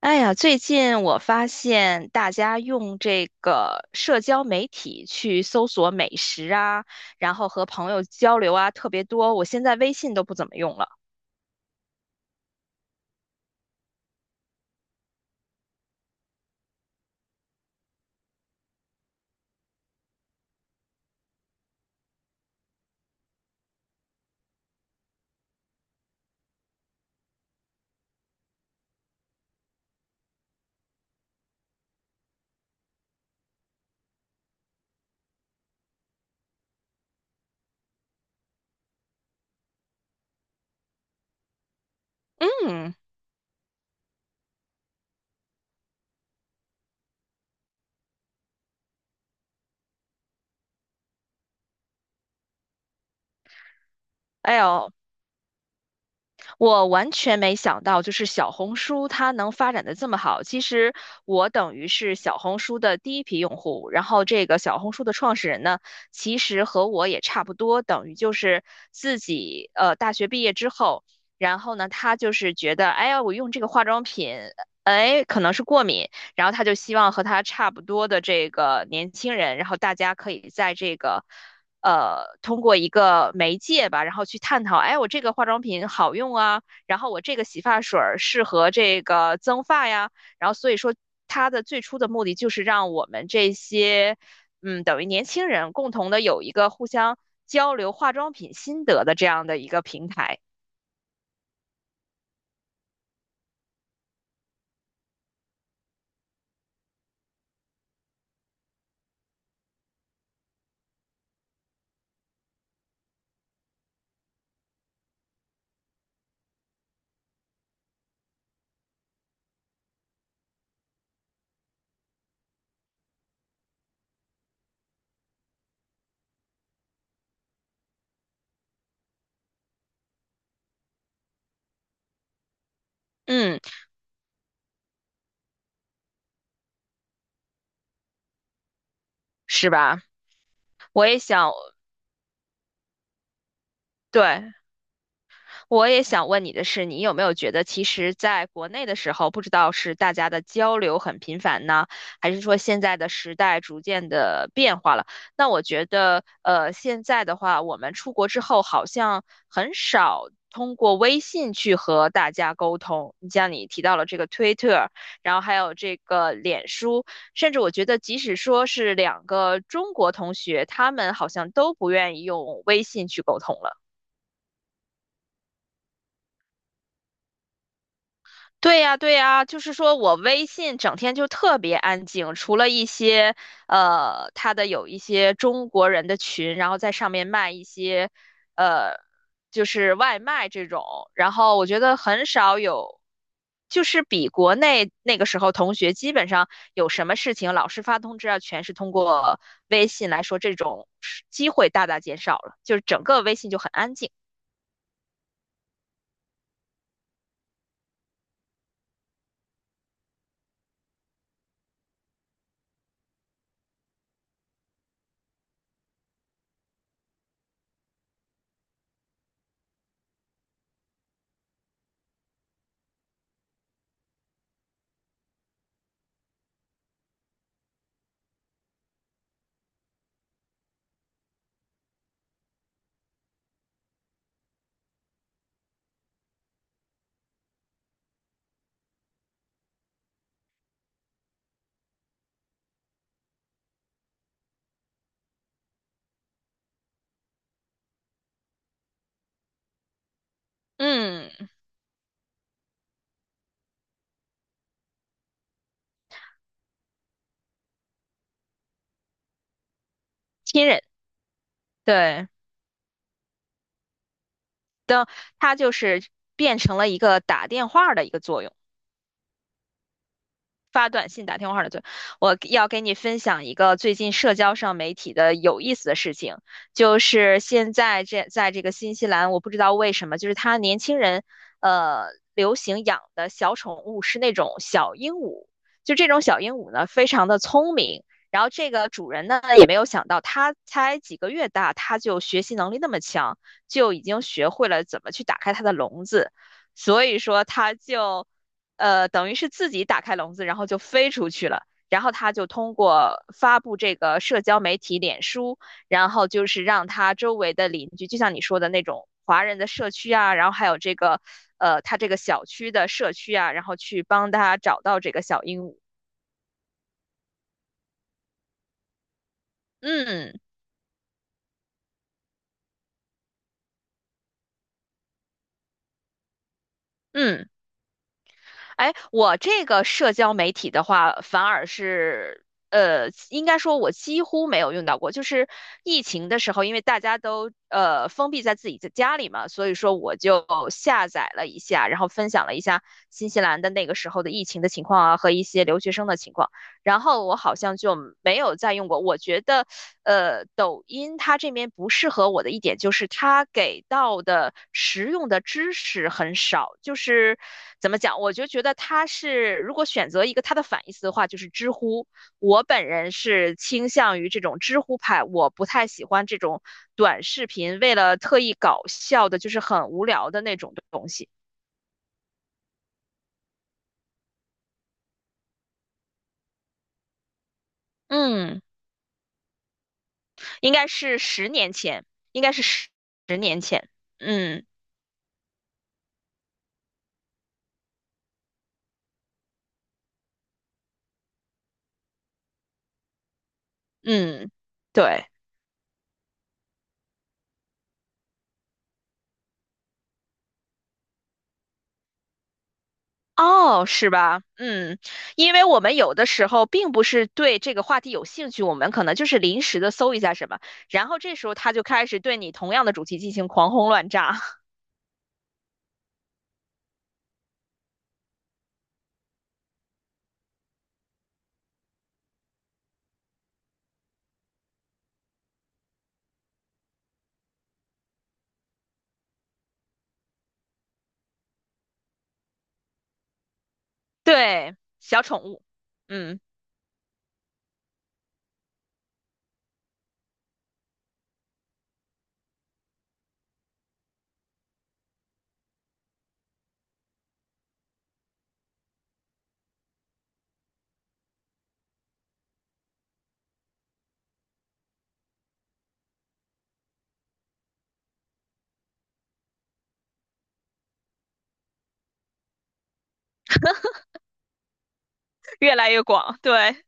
哎呀，最近我发现大家用这个社交媒体去搜索美食啊，然后和朋友交流啊，特别多。我现在微信都不怎么用了。嗯，哎呦，我完全没想到，就是小红书它能发展的这么好。其实我等于是小红书的第一批用户，然后这个小红书的创始人呢，其实和我也差不多，等于就是自己大学毕业之后，然后呢，他就是觉得，哎呀，我用这个化妆品。哎，可能是过敏，然后他就希望和他差不多的这个年轻人，然后大家可以在这个通过一个媒介吧，然后去探讨，哎，我这个化妆品好用啊，然后我这个洗发水儿适合这个增发呀，然后所以说它的最初的目的就是让我们这些，嗯，等于年轻人共同的有一个互相交流化妆品心得的这样的一个平台，嗯，是吧？我也想，对。我也想问你的是，你有没有觉得，其实在国内的时候，不知道是大家的交流很频繁呢，还是说现在的时代逐渐的变化了？那我觉得，现在的话，我们出国之后好像很少通过微信去和大家沟通。你像你提到了这个推特，然后还有这个脸书，甚至我觉得，即使说是两个中国同学，他们好像都不愿意用微信去沟通了。对呀，对呀，就是说我微信整天就特别安静，除了一些有一些中国人的群，然后在上面卖一些呃，就是外卖这种，然后我觉得很少有，就是比国内那个时候同学基本上有什么事情，老师发通知啊，全是通过微信来说，这种机会大大减少了，就是整个微信就很安静，嗯，亲人，对。的它就是变成了一个打电话的一个作用。发短信、打电话的最，我要给你分享一个最近社交上媒体的有意思的事情，就是现在在这个新西兰，我不知道为什么，就是他年轻人呃流行养的小宠物是那种小鹦鹉，就这种小鹦鹉呢，非常的聪明。然后这个主人呢，也没有想到，它才几个月大，它就学习能力那么强，就已经学会了怎么去打开它的笼子，所以说他就等于是自己打开笼子，然后就飞出去了。然后他就通过发布这个社交媒体脸书，然后就是让他周围的邻居，就像你说的那种华人的社区啊，然后还有这个他这个小区的社区啊，然后去帮他找到这个小鹦鹉。嗯嗯。哎，我这个社交媒体的话，反而是，应该说我几乎没有用到过。就是疫情的时候，因为大家都封闭在自己的家里嘛，所以说我就下载了一下，然后分享了一下新西兰的那个时候的疫情的情况啊，和一些留学生的情况。然后我好像就没有再用过。我觉得，抖音它这边不适合我的一点就是它给到的实用的知识很少，就是怎么讲，我就觉得它是如果选择一个它的反义词的话，就是知乎。我本人是倾向于这种知乎派，我不太喜欢这种短视频为了特意搞笑的，就是很无聊的那种东西。嗯，应该是十年前，应该是十十年前，嗯。嗯，对，哦，是吧？嗯，因为我们有的时候并不是对这个话题有兴趣，我们可能就是临时的搜一下什么，然后这时候他就开始对你同样的主题进行狂轰乱炸。对，小宠物，嗯，越来越广，对，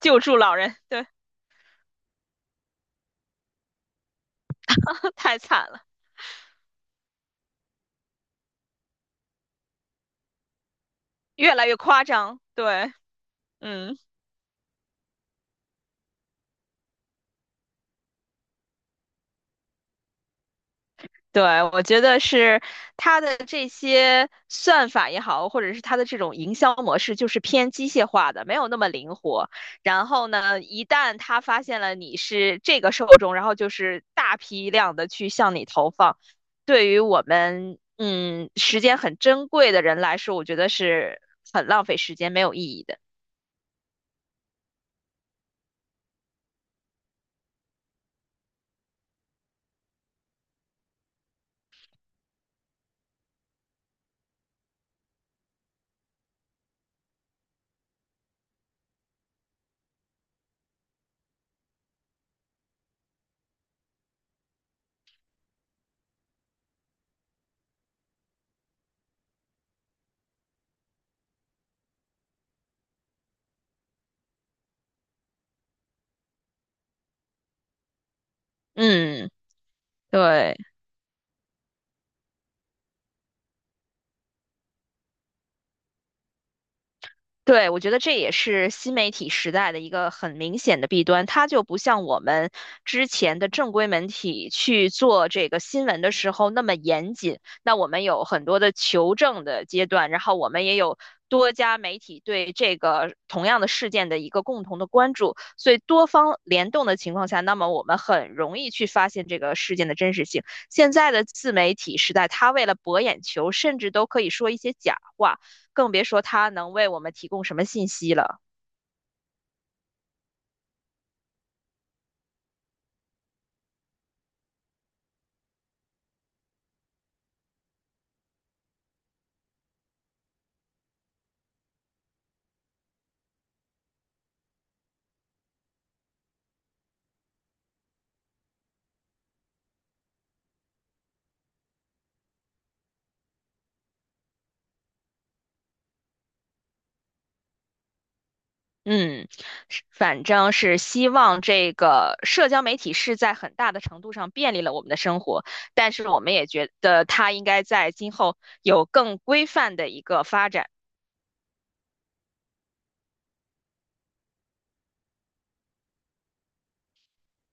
救助老人，对，太惨了，越来越夸张，对，嗯。对，我觉得是它的这些算法也好，或者是它的这种营销模式，就是偏机械化的，没有那么灵活。然后呢，一旦它发现了你是这个受众，然后就是大批量的去向你投放，对于我们嗯时间很珍贵的人来说，我觉得是很浪费时间，没有意义的。嗯，对。对，我觉得这也是新媒体时代的一个很明显的弊端，它就不像我们之前的正规媒体去做这个新闻的时候那么严谨。那我们有很多的求证的阶段，然后我们也有多家媒体对这个同样的事件的一个共同的关注，所以多方联动的情况下，那么我们很容易去发现这个事件的真实性。现在的自媒体时代，它为了博眼球，甚至都可以说一些假话。更别说它能为我们提供什么信息了。嗯，是反正是希望这个社交媒体是在很大的程度上便利了我们的生活，但是我们也觉得它应该在今后有更规范的一个发展。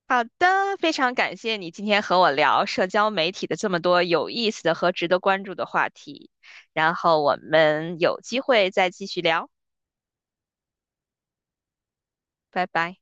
好的，非常感谢你今天和我聊社交媒体的这么多有意思的和值得关注的话题，然后我们有机会再继续聊，拜拜。